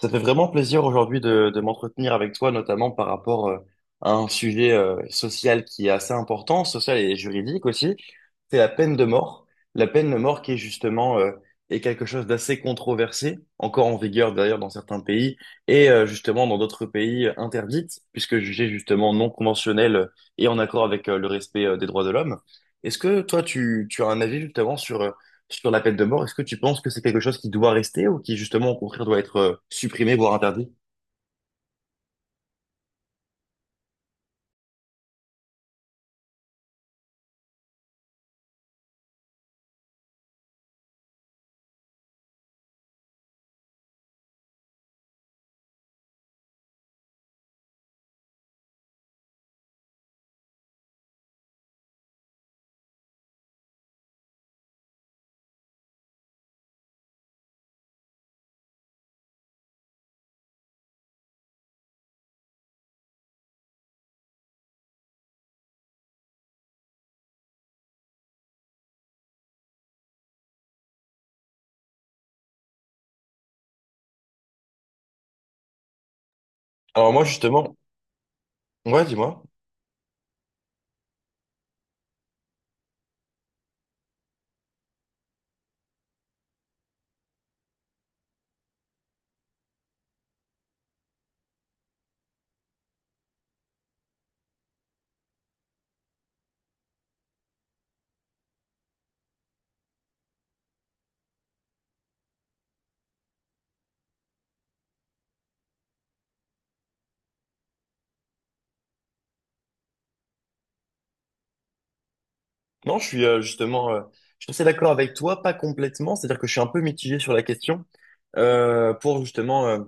Ça fait vraiment plaisir aujourd'hui de m'entretenir avec toi, notamment par rapport à un sujet social qui est assez important, social et juridique aussi, c'est la peine de mort. La peine de mort qui est justement est quelque chose d'assez controversé, encore en vigueur d'ailleurs dans certains pays, et justement dans d'autres pays interdite, puisque jugée justement non conventionnelle et en accord avec le respect des droits de l'homme. Est-ce que toi, tu as un avis justement sur, sur la peine de mort? Est-ce que tu penses que c'est quelque chose qui doit rester ou qui justement au contraire doit être supprimé, voire interdit? Alors moi justement, ouais, dis-moi. Non, je suis justement, je suis assez d'accord avec toi, pas complètement, c'est-à-dire que je suis un peu mitigé sur la question. Pour justement,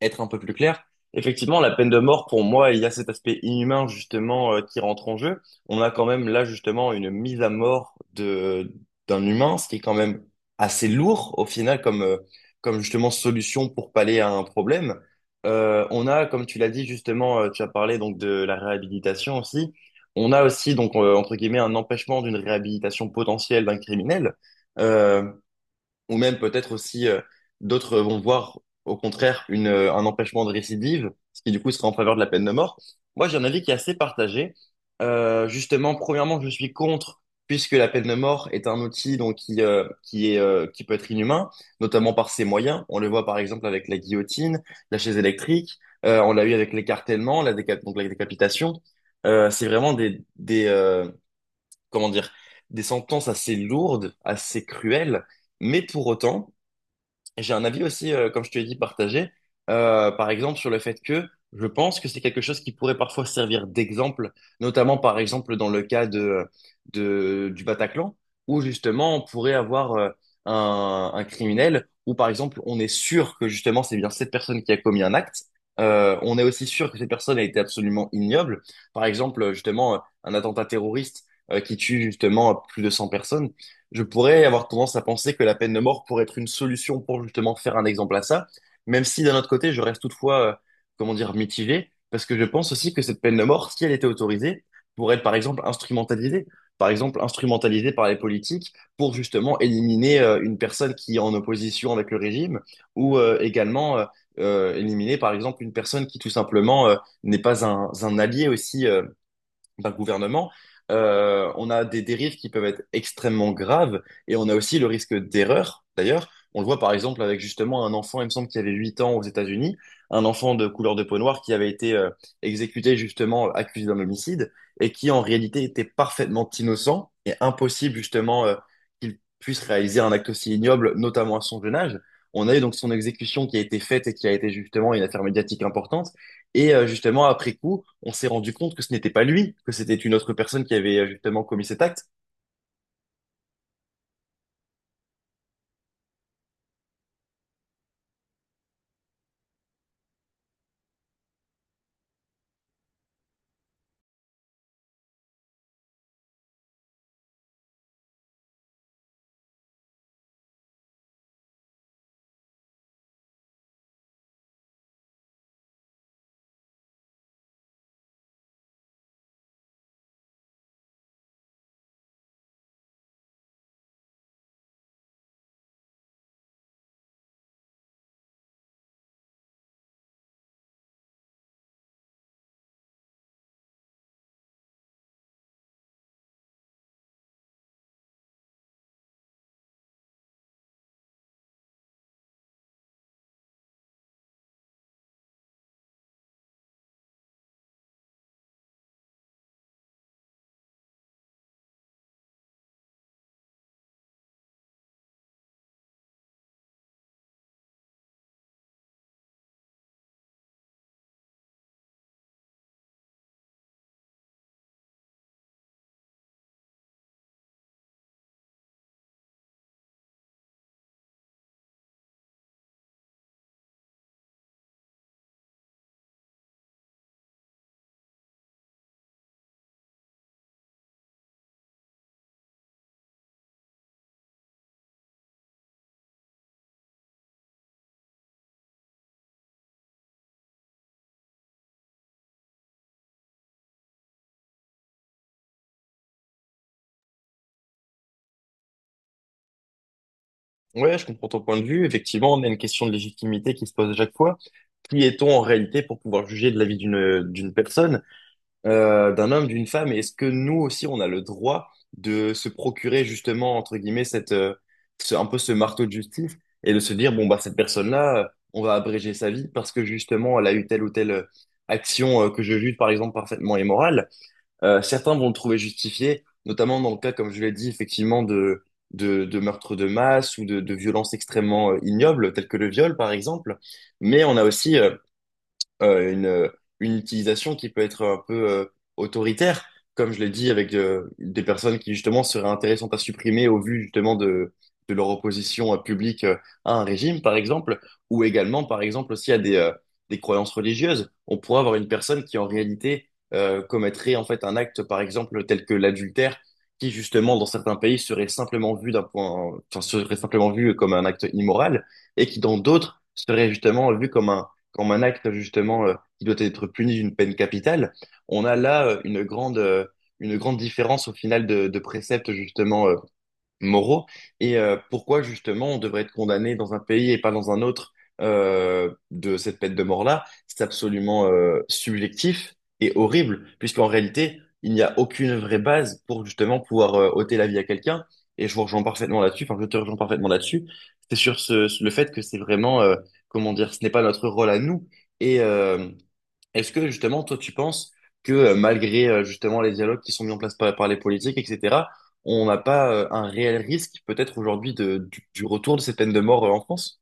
être un peu plus clair, effectivement, la peine de mort, pour moi, il y a cet aspect inhumain, justement, qui rentre en jeu. On a quand même là, justement, une mise à mort d'un humain, ce qui est quand même assez lourd, au final, comme justement solution pour pallier à un problème. On a, comme tu l'as dit, justement, tu as parlé donc de la réhabilitation aussi. On a aussi, donc, entre guillemets, un empêchement d'une réhabilitation potentielle d'un criminel. Euh, ou même peut-être aussi d'autres vont voir au contraire un empêchement de récidive, ce qui du coup sera en faveur de la peine de mort. Moi, j'ai un avis qui est assez partagé. Justement, premièrement, je suis contre, puisque la peine de mort est un outil donc qui peut être inhumain, notamment par ses moyens. On le voit par exemple avec la guillotine, la chaise électrique. On l'a eu avec l'écartèlement, donc la décapitation. C'est vraiment des comment dire, des sentences assez lourdes, assez cruelles. Mais pour autant, j'ai un avis aussi, comme je te l'ai dit, partagé, par exemple sur le fait que je pense que c'est quelque chose qui pourrait parfois servir d'exemple, notamment par exemple dans le cas du Bataclan, où justement on pourrait avoir un criminel, où par exemple on est sûr que justement c'est bien cette personne qui a commis un acte. On est aussi sûr que cette personne a été absolument ignoble, par exemple justement un attentat terroriste qui tue justement plus de 100 personnes. Je pourrais avoir tendance à penser que la peine de mort pourrait être une solution pour justement faire un exemple à ça, même si d'un autre côté, je reste toutefois, comment dire, mitigé, parce que je pense aussi que cette peine de mort, si elle était autorisée, pourrait être par exemple instrumentalisée. Par exemple, instrumentalisée par les politiques pour justement éliminer une personne qui est en opposition avec le régime, ou également éliminer par exemple une personne qui tout simplement n'est pas un allié aussi d'un gouvernement. On a des dérives qui peuvent être extrêmement graves et on a aussi le risque d'erreur. D'ailleurs, on le voit par exemple avec justement un enfant, il me semble qu'il avait 8 ans aux États-Unis, un enfant de couleur de peau noire qui avait été exécuté, justement accusé d'un homicide et qui en réalité était parfaitement innocent, et impossible justement qu'il puisse réaliser un acte aussi ignoble, notamment à son jeune âge. On a eu donc son exécution qui a été faite et qui a été justement une affaire médiatique importante. Et justement, après coup, on s'est rendu compte que ce n'était pas lui, que c'était une autre personne qui avait justement commis cet acte. Ouais, je comprends ton point de vue. Effectivement, on a une question de légitimité qui se pose à chaque fois. Qui est-on en réalité pour pouvoir juger de la vie d'une personne, d'un homme, d'une femme? Et est-ce que nous aussi, on a le droit de se procurer justement, entre guillemets, un peu ce marteau de justice et de se dire, bon, bah, cette personne-là, on va abréger sa vie parce que justement, elle a eu telle ou telle action que je juge, par exemple, parfaitement immorale. Certains vont le trouver justifié, notamment dans le cas, comme je l'ai dit, effectivement, de meurtres de masse ou de violences extrêmement ignobles, telles que le viol, par exemple. Mais on a aussi euh, une, euh, une utilisation qui peut être un peu autoritaire, comme je l'ai dit, avec des personnes qui justement seraient intéressantes à supprimer au vu justement de leur opposition publique à un régime, par exemple, ou également, par exemple, aussi à des croyances religieuses. On pourrait avoir une personne qui en réalité commettrait en fait un acte, par exemple, tel que l'adultère, qui justement dans certains pays serait simplement vu d'un point, enfin, serait simplement vu comme un acte immoral, et qui dans d'autres serait justement vu comme un acte justement qui doit être puni d'une peine capitale. On a là une grande différence au final de préceptes justement moraux, et pourquoi justement on devrait être condamné dans un pays et pas dans un autre de cette peine de mort-là. C'est absolument subjectif et horrible, puisqu'en réalité, il n'y a aucune vraie base pour justement pouvoir ôter la vie à quelqu'un. Et je vous rejoins parfaitement là-dessus, enfin je te rejoins parfaitement là-dessus. C'est sur ce, le fait que c'est vraiment, comment dire, ce n'est pas notre rôle à nous. Et, est-ce que justement, toi, tu penses que malgré justement les dialogues qui sont mis en place par, par les politiques, etc., on n'a pas un réel risque peut-être aujourd'hui du retour de ces peines de mort en France?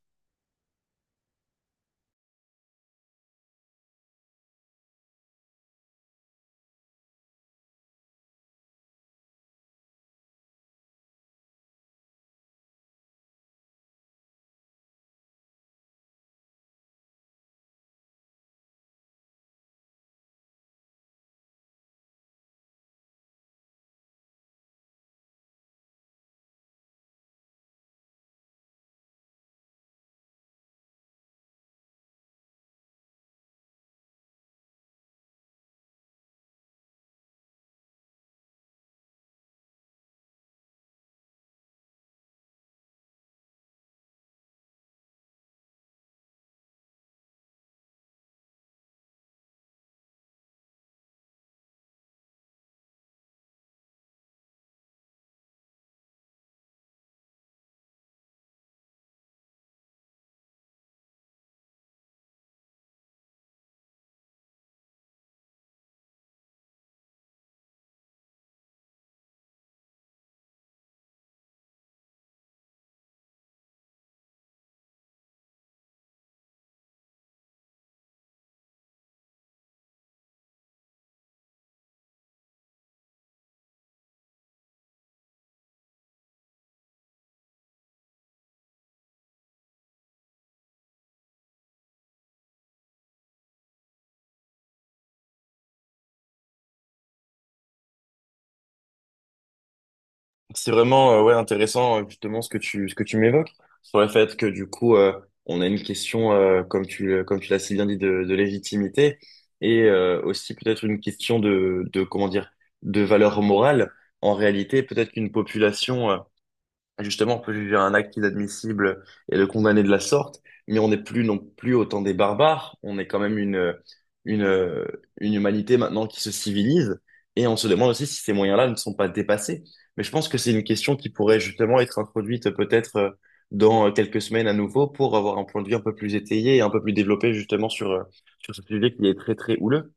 C'est vraiment ouais, intéressant justement ce que ce que tu m'évoques sur le fait que du coup, on a une question, comme tu l'as si bien dit, de légitimité, et aussi peut-être une question de, comment dire, de valeur morale. En réalité, peut-être qu'une population justement, on peut juger un acte inadmissible et le condamner de la sorte, mais on n'est plus non plus autant des barbares. On est quand même une, une humanité maintenant qui se civilise, et on se demande aussi si ces moyens-là ne sont pas dépassés. Mais je pense que c'est une question qui pourrait justement être introduite peut-être dans quelques semaines à nouveau pour avoir un point de vue un peu plus étayé et un peu plus développé justement sur, sur ce sujet qui est très très houleux.